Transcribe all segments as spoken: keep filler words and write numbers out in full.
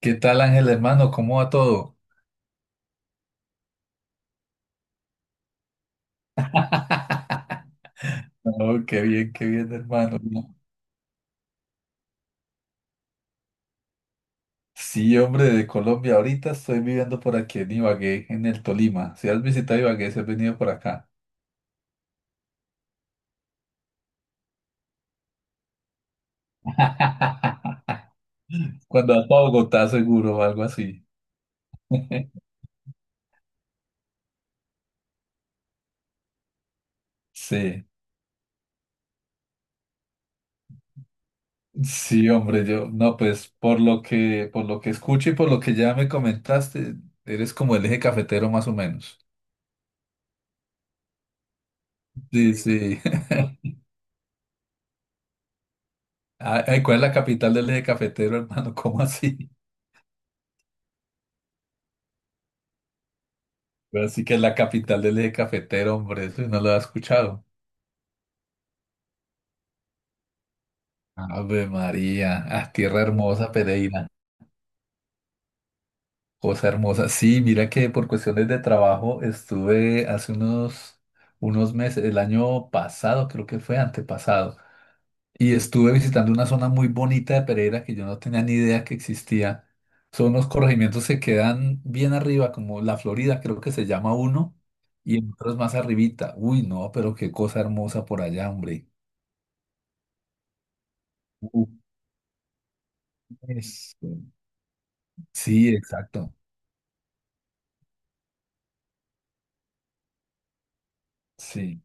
¿Qué tal, Ángel, hermano? ¿Cómo va todo? No, qué bien, qué bien, hermano. Sí, hombre, de Colombia. Ahorita estoy viviendo por aquí en Ibagué, en el Tolima. Si has visitado Ibagué, si has venido por acá. Cuando vas a Bogotá, seguro, o algo así. Sí, sí, hombre, yo, no, pues por lo que, por lo que escucho y por lo que ya me comentaste, eres como el eje cafetero más o menos. Sí, sí. Ay, ay, ¿cuál es la capital del eje cafetero, hermano? ¿Cómo así? Así que es la capital del eje cafetero, hombre, eso no lo has escuchado. Ave María, ah, tierra hermosa, Pereira, cosa hermosa. Sí, mira que por cuestiones de trabajo estuve hace unos, unos meses, el año pasado, creo que fue antepasado, y estuve visitando una zona muy bonita de Pereira que yo no tenía ni idea que existía. Son unos corregimientos que quedan bien arriba, como La Florida, creo que se llama uno, y otros más arribita. Uy, no, pero qué cosa hermosa por allá, hombre. Es- Sí, exacto. Sí.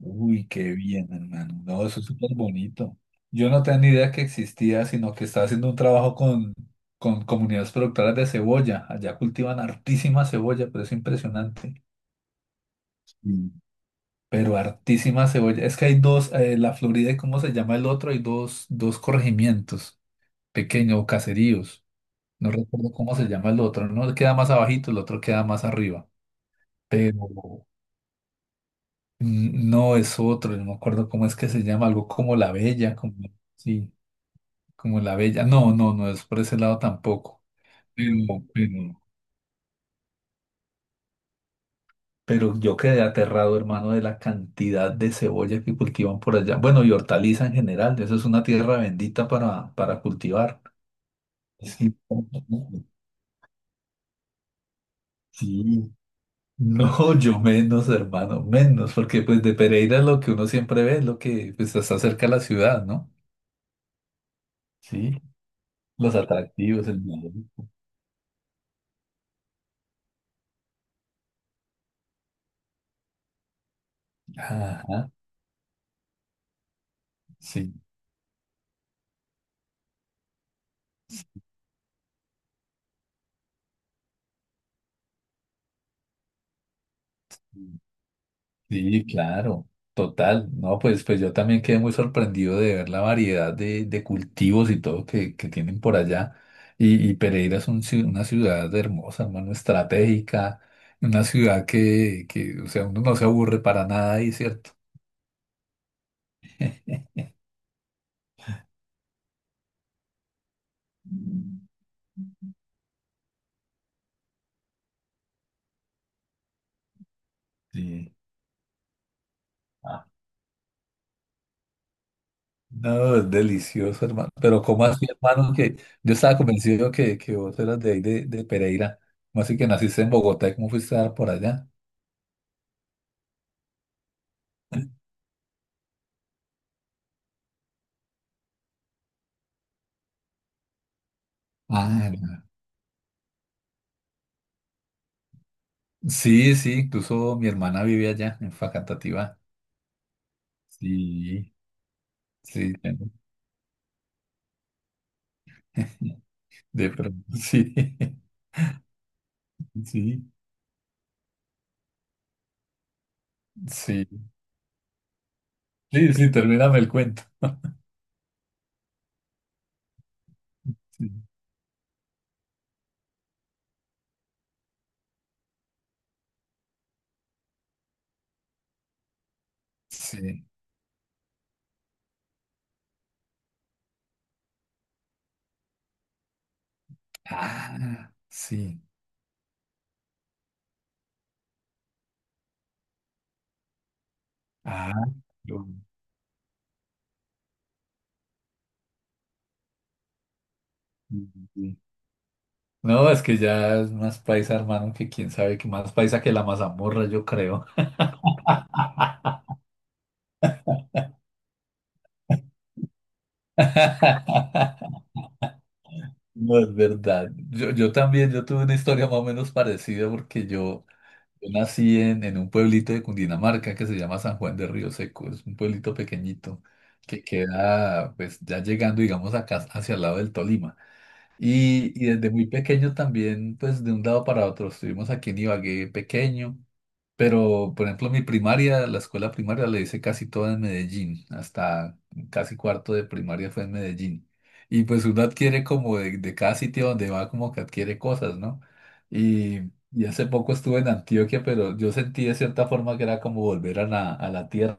Uy, qué bien, hermano. No, eso es súper bonito. Yo no tenía ni idea que existía, sino que estaba haciendo un trabajo con, con comunidades productoras de cebolla. Allá cultivan hartísima cebolla, pero es impresionante. Sí. Pero hartísima cebolla. Es que hay dos, eh, la Florida y cómo se llama el otro, hay dos, dos corregimientos pequeños o caseríos. No recuerdo cómo se llama el otro. Uno queda más abajito, el otro queda más arriba. Pero No es otro, no me acuerdo cómo es que se llama, algo como La Bella, como, sí, como La Bella. No, no, no es por ese lado tampoco. Pero, pero, pero yo quedé aterrado, hermano, de la cantidad de cebolla que cultivan por allá. Bueno, y hortaliza en general, eso es una tierra bendita para, para cultivar. Sí, sí. No, yo menos, hermano, menos, porque pues de Pereira lo que uno siempre ve es lo que pues, está cerca de la ciudad, ¿no? Sí, los atractivos, el mar. Ajá. Sí, sí, sí, claro, total. No, pues, pues yo también quedé muy sorprendido de ver la variedad de, de cultivos y todo que, que tienen por allá. Y, y Pereira es un ci- una ciudad hermosa, hermano, estratégica, una ciudad que, que, o sea, uno no se aburre para nada ahí, ¿cierto? Mm. Sí. Ah, no, es delicioso, hermano. Pero ¿cómo así, hermano? Que yo estaba convencido que, que vos eras de ahí, de, de Pereira. ¿Cómo así que naciste en Bogotá y cómo fuiste a dar por allá? Ah, sí, sí, incluso mi hermana vive allá, en Facatativá. Sí, sí, de pronto, sí, sí, sí, sí, sí, termíname el cuento. Sí, sí. Ah, sí, ah, lo- sí. Sí. No, es que ya es más paisa, hermano, que quién sabe que más paisa que la mazamorra, yo creo. No, es verdad. Yo, yo también, yo tuve una historia más o menos parecida porque yo, yo nací en, en un pueblito de Cundinamarca que se llama San Juan de Río Seco. Es un pueblito pequeñito que queda, pues, ya llegando, digamos, acá hacia el lado del Tolima. Y, y desde muy pequeño también, pues de un lado para otro, estuvimos aquí en Ibagué pequeño, pero por ejemplo mi primaria, la escuela primaria la hice casi toda en Medellín, hasta casi cuarto de primaria fue en Medellín. Y pues uno adquiere como de, de cada sitio donde va como que adquiere cosas, ¿no? Y, y hace poco estuve en Antioquia, pero yo sentí de cierta forma que era como volver a la, a la tierra,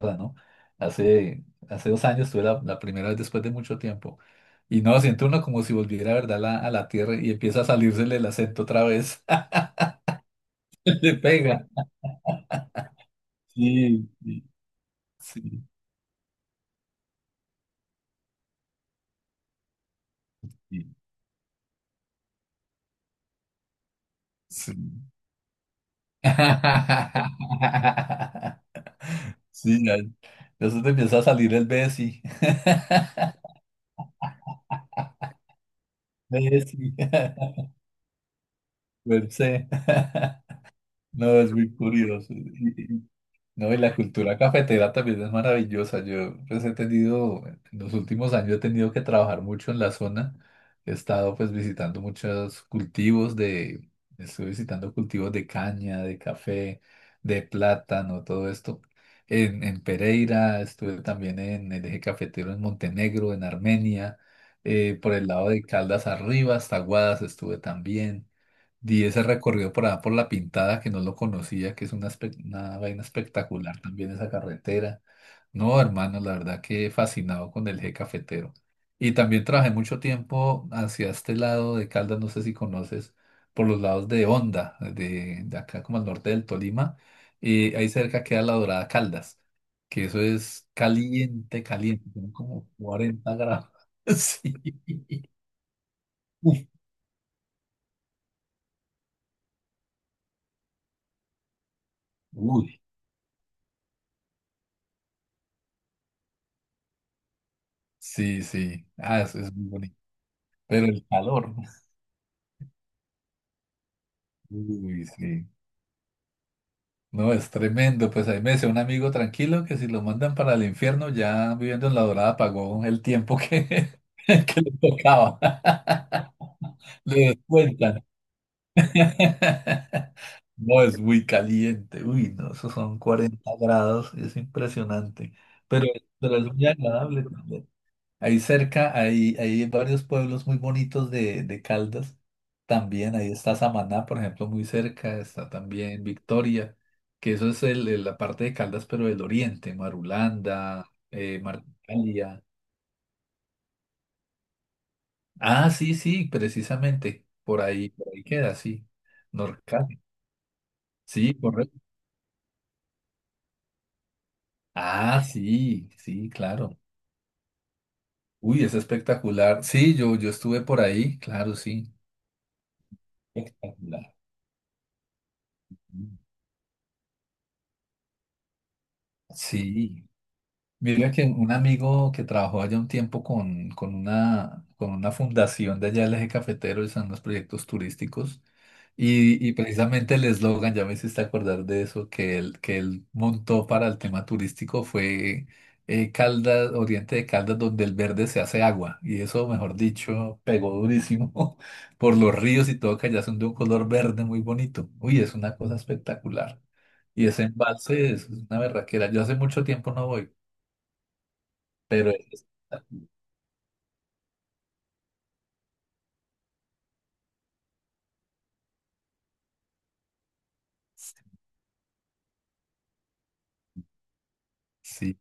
¿no? Hace, hace dos años estuve la la primera vez después de mucho tiempo. Y no, siente uno como si volviera, ¿verdad? A la- a la tierra y empieza a salírsele el acento otra vez. Le pega. Sí, sí, sí, sí, sí. Sí, ya. Entonces te empieza a salir el Bessie. Bessie. Per se. No, es muy curioso. No, y la cultura cafetera también es maravillosa. Yo pues he tenido, en los últimos años he tenido que trabajar mucho en la zona. He estado pues visitando muchos cultivos de, estuve visitando cultivos de caña, de café, de plátano, todo esto. En, en Pereira, estuve también en el eje cafetero en Montenegro, en Armenia, eh, por el lado de Caldas arriba, hasta Guadas estuve también. Di ese recorrido por allá por La Pintada, que no lo conocía, que es una, espe- una vaina espectacular también esa carretera. No, hermano, la verdad que fascinado con el eje cafetero. Y también trabajé mucho tiempo hacia este lado de Caldas, no sé si conoces, por los lados de Honda, de, de acá como al norte del Tolima. Y ahí cerca queda la Dorada Caldas, que eso es caliente, caliente, tiene como cuarenta grados. Sí. Uf, uy. Sí, sí. Ah, eso es muy bonito. Pero el calor, ¿no? Uy, sí. No, es tremendo. Pues ahí me decía un amigo tranquilo que si lo mandan para el infierno, ya viviendo en La Dorada pagó el tiempo que, que le tocaba. Le descuentan. No, es muy caliente. Uy, no, esos son cuarenta grados. Es impresionante. Pero, pero es muy agradable. Ahí cerca hay, hay varios pueblos muy bonitos de, de Caldas. También ahí está Samaná, por ejemplo, muy cerca. Está también Victoria, que eso es el- el- la parte de Caldas, pero del oriente, Marulanda, eh, Marcalia. Ah, sí, sí, precisamente. Por ahí, por ahí queda, sí. Norcal. Sí, correcto. Ah, sí, sí, claro. Uy, es espectacular. Sí, yo, yo estuve por ahí, claro, sí. Espectacular. Sí. Mira que un amigo que trabajó allá un tiempo con, con una, con una fundación de allá del eje cafetero, y son los proyectos turísticos, y, y precisamente el eslogan, ya me hiciste acordar de eso, que él, que él montó para el tema turístico fue eh, Caldas, Oriente de Caldas, donde el verde se hace agua, y eso, mejor dicho, pegó durísimo por los ríos y todo, que allá son de un color verde muy bonito. Uy, es una cosa espectacular. Y ese embalse es una berraquera. Yo hace mucho tiempo no voy pero es- sí,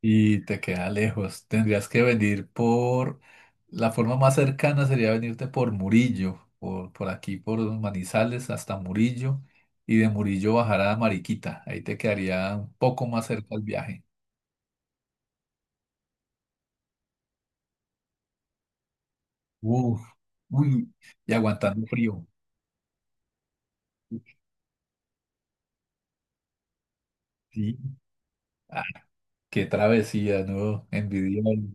y te queda lejos. Tendrías que venir por, la forma más cercana sería venirte por Murillo, por, por aquí, por Manizales hasta Murillo, y de Murillo bajar a Mariquita. Ahí te quedaría un poco más cerca el viaje. Uf, uy, y aguantando frío. Sí, ah, qué travesía, ¿no? Envidiable.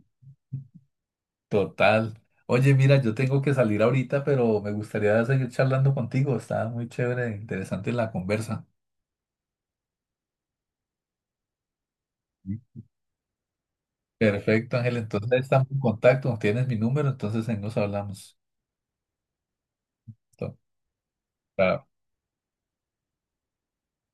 Total. Oye, mira, yo tengo que salir ahorita, pero me gustaría seguir charlando contigo. Está muy chévere, interesante la conversa. Sí. Perfecto, Ángel. Entonces estamos en contacto. Tienes mi número, entonces ahí nos hablamos. Listo.